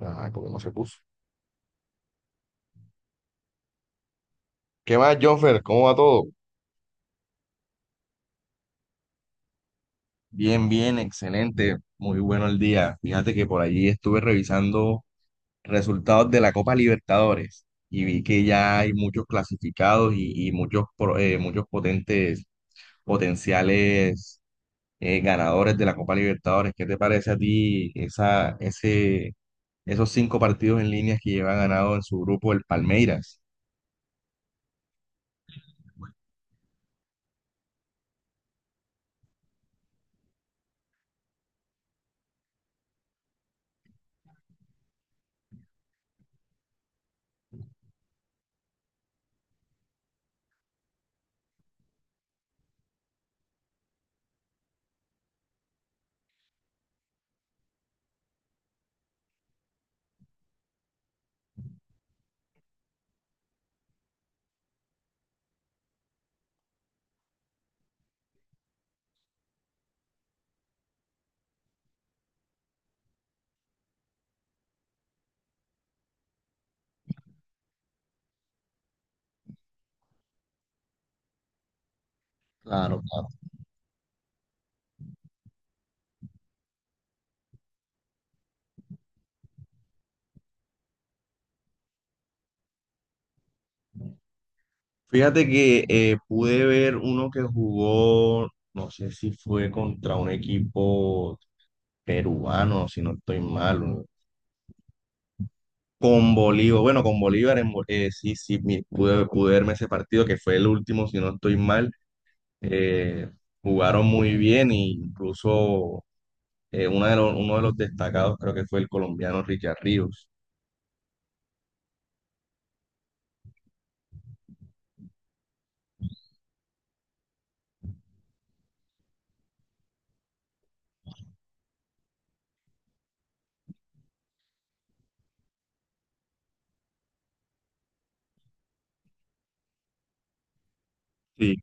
Ah, porque no se puso. ¿Qué más, Jonfer? ¿Cómo va todo? Bien, bien, excelente. Muy bueno el día. Fíjate que por allí estuve revisando resultados de la Copa Libertadores y vi que ya hay muchos clasificados y muchos, muchos potentes, potenciales ganadores de la Copa Libertadores. ¿Qué te parece a ti esos cinco partidos en línea que lleva ganado en su grupo el Palmeiras? Claro, claro. Fíjate que pude ver uno que jugó, no sé si fue contra un equipo peruano, si no estoy mal, con Bolívar, bueno, con Bolívar, sí, sí, pude verme ese partido que fue el último, si no estoy mal, eh, jugaron muy bien e incluso uno de los destacados creo que fue el colombiano Richard Ríos. Sí,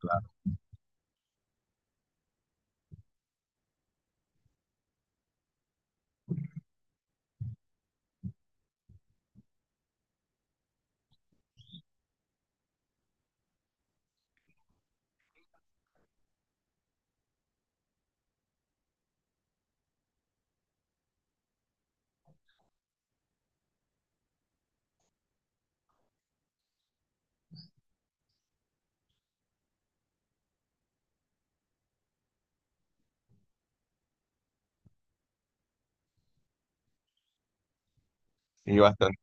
claro.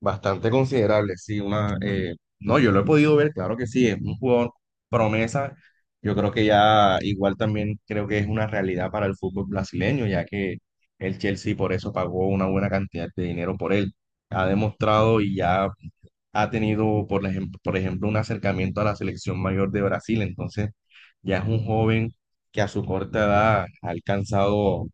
Bastante considerable, sí, una, no, yo lo he podido ver, claro que sí, es un jugador promesa, yo creo que ya igual también creo que es una realidad para el fútbol brasileño, ya que el Chelsea por eso pagó una buena cantidad de dinero por él, ha demostrado y ya ha tenido, por ejemplo, un acercamiento a la selección mayor de Brasil, entonces ya es un joven que a su corta edad ha alcanzado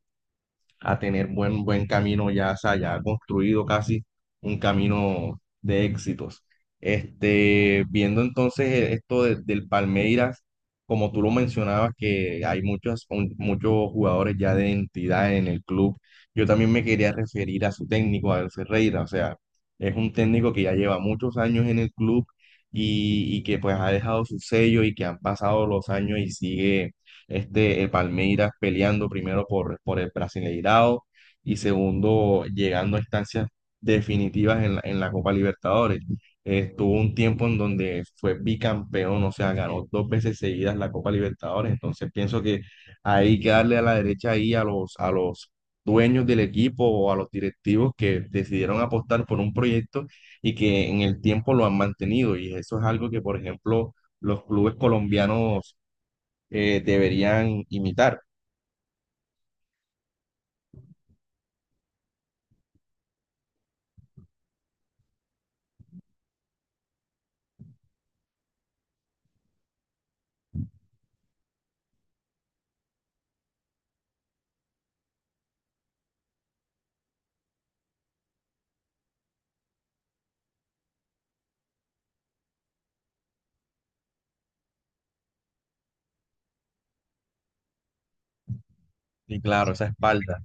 a tener buen camino ya, o sea, ya construido casi un camino de éxitos. Viendo entonces del Palmeiras, como tú lo mencionabas, que hay muchos jugadores ya de entidad en el club, yo también me quería referir a su técnico, al Ferreira, o sea, es un técnico que ya lleva muchos años en el club y que pues ha dejado su sello y que han pasado los años y sigue el Palmeiras peleando primero por el Brasileirao y segundo llegando a instancias definitivas en en la Copa Libertadores. Estuvo un tiempo en donde fue bicampeón, o sea, ganó dos veces seguidas la Copa Libertadores. Entonces pienso que hay que darle a la derecha ahí a a los dueños del equipo o a los directivos que decidieron apostar por un proyecto y que en el tiempo lo han mantenido. Y eso es algo que, por ejemplo, los clubes colombianos deberían imitar. Y claro, esa espalda.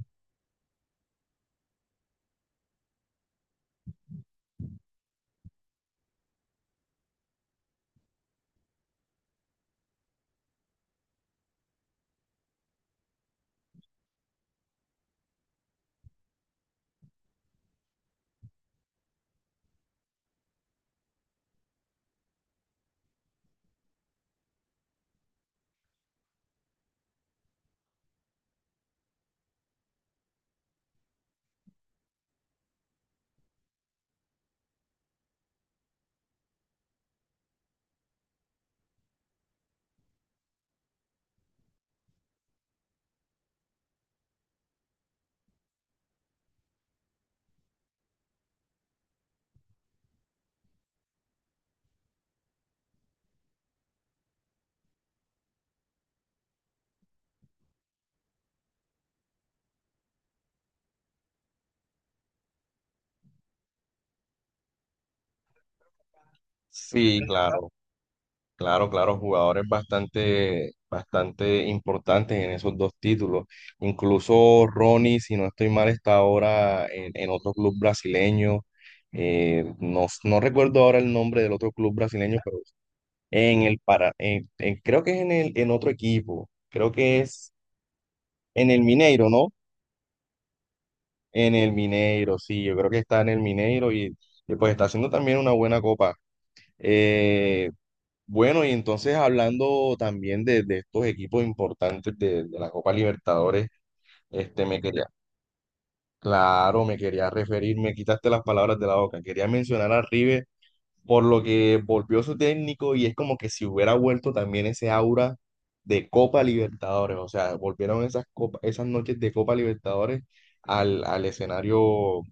Sí, claro, claro, claro, jugadores bastante importantes en esos dos títulos. Incluso Ronnie, si no estoy mal, está ahora en otro club brasileño. No recuerdo ahora el nombre del otro club brasileño, pero en el para, en- creo que es en en otro equipo. Creo que es en el Mineiro, ¿no? En el Mineiro, sí, yo creo que está en el Mineiro y pues está haciendo también una buena copa. Eh, bueno, y entonces hablando también de estos equipos importantes de la Copa Libertadores, este me quería, claro, me quería referir, me quitaste las palabras de la boca, quería mencionar a River por lo que volvió su técnico y es como que si hubiera vuelto también ese aura de Copa Libertadores, o sea, volvieron esas noches de Copa Libertadores al, al escenario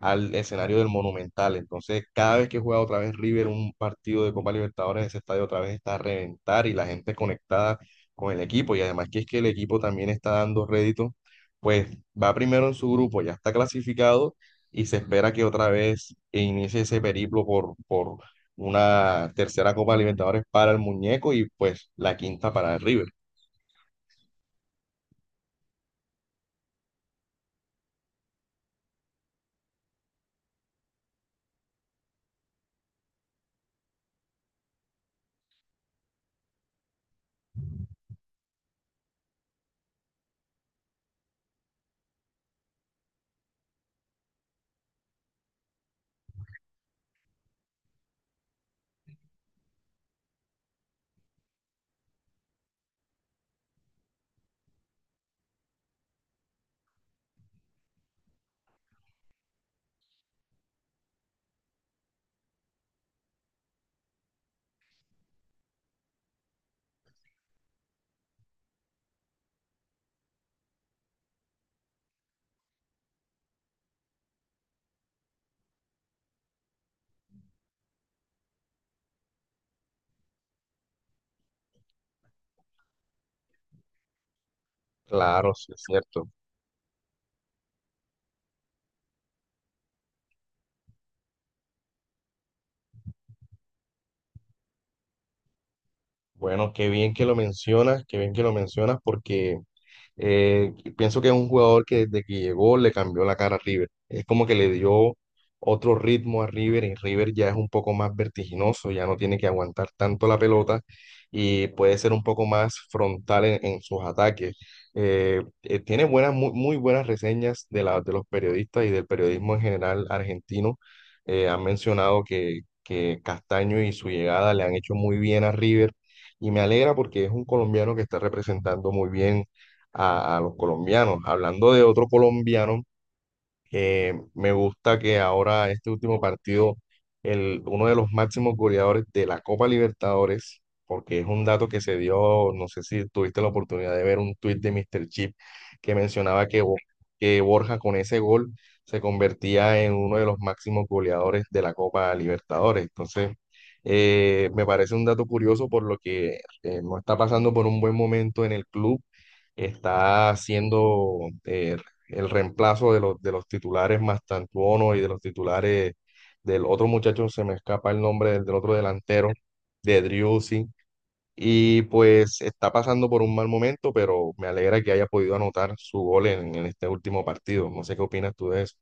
al escenario del Monumental. Entonces, cada vez que juega otra vez River un partido de Copa Libertadores, ese estadio otra vez está a reventar y la gente conectada con el equipo. Y además que es que el equipo también está dando rédito, pues va primero en su grupo, ya está clasificado y se espera que otra vez inicie ese periplo por una tercera Copa Libertadores para el muñeco y pues la quinta para el River. Claro, sí es cierto. Bueno, qué bien que lo mencionas, qué bien que lo mencionas porque pienso que es un jugador que desde que llegó le cambió la cara a River. Es como que le dio otro ritmo a River y River ya es un poco más vertiginoso, ya no tiene que aguantar tanto la pelota y puede ser un poco más frontal en sus ataques. Tiene muy buenas reseñas de los periodistas y del periodismo en general argentino. Han mencionado que Castaño y su llegada le han hecho muy bien a River. Y me alegra porque es un colombiano que está representando muy bien a los colombianos. Hablando de otro colombiano, me gusta que ahora este último partido, uno de los máximos goleadores de la Copa Libertadores, porque es un dato que se dio, no sé si tuviste la oportunidad de ver un tuit de Mr. Chip que mencionaba que Borja con ese gol se convertía en uno de los máximos goleadores de la Copa Libertadores. Entonces, me parece un dato curioso por lo que no está pasando por un buen momento en el club, está siendo eh, el reemplazo de de los titulares Mastantuono y de los titulares del otro muchacho, se me escapa el nombre del otro delantero, de Driussi. Y pues está pasando por un mal momento, pero me alegra que haya podido anotar su gol en este último partido. No sé qué opinas tú de eso.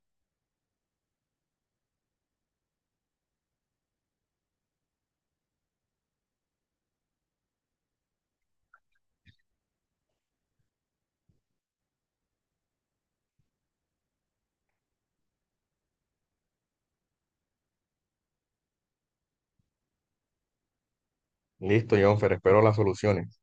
Listo, Jonfer, espero las soluciones.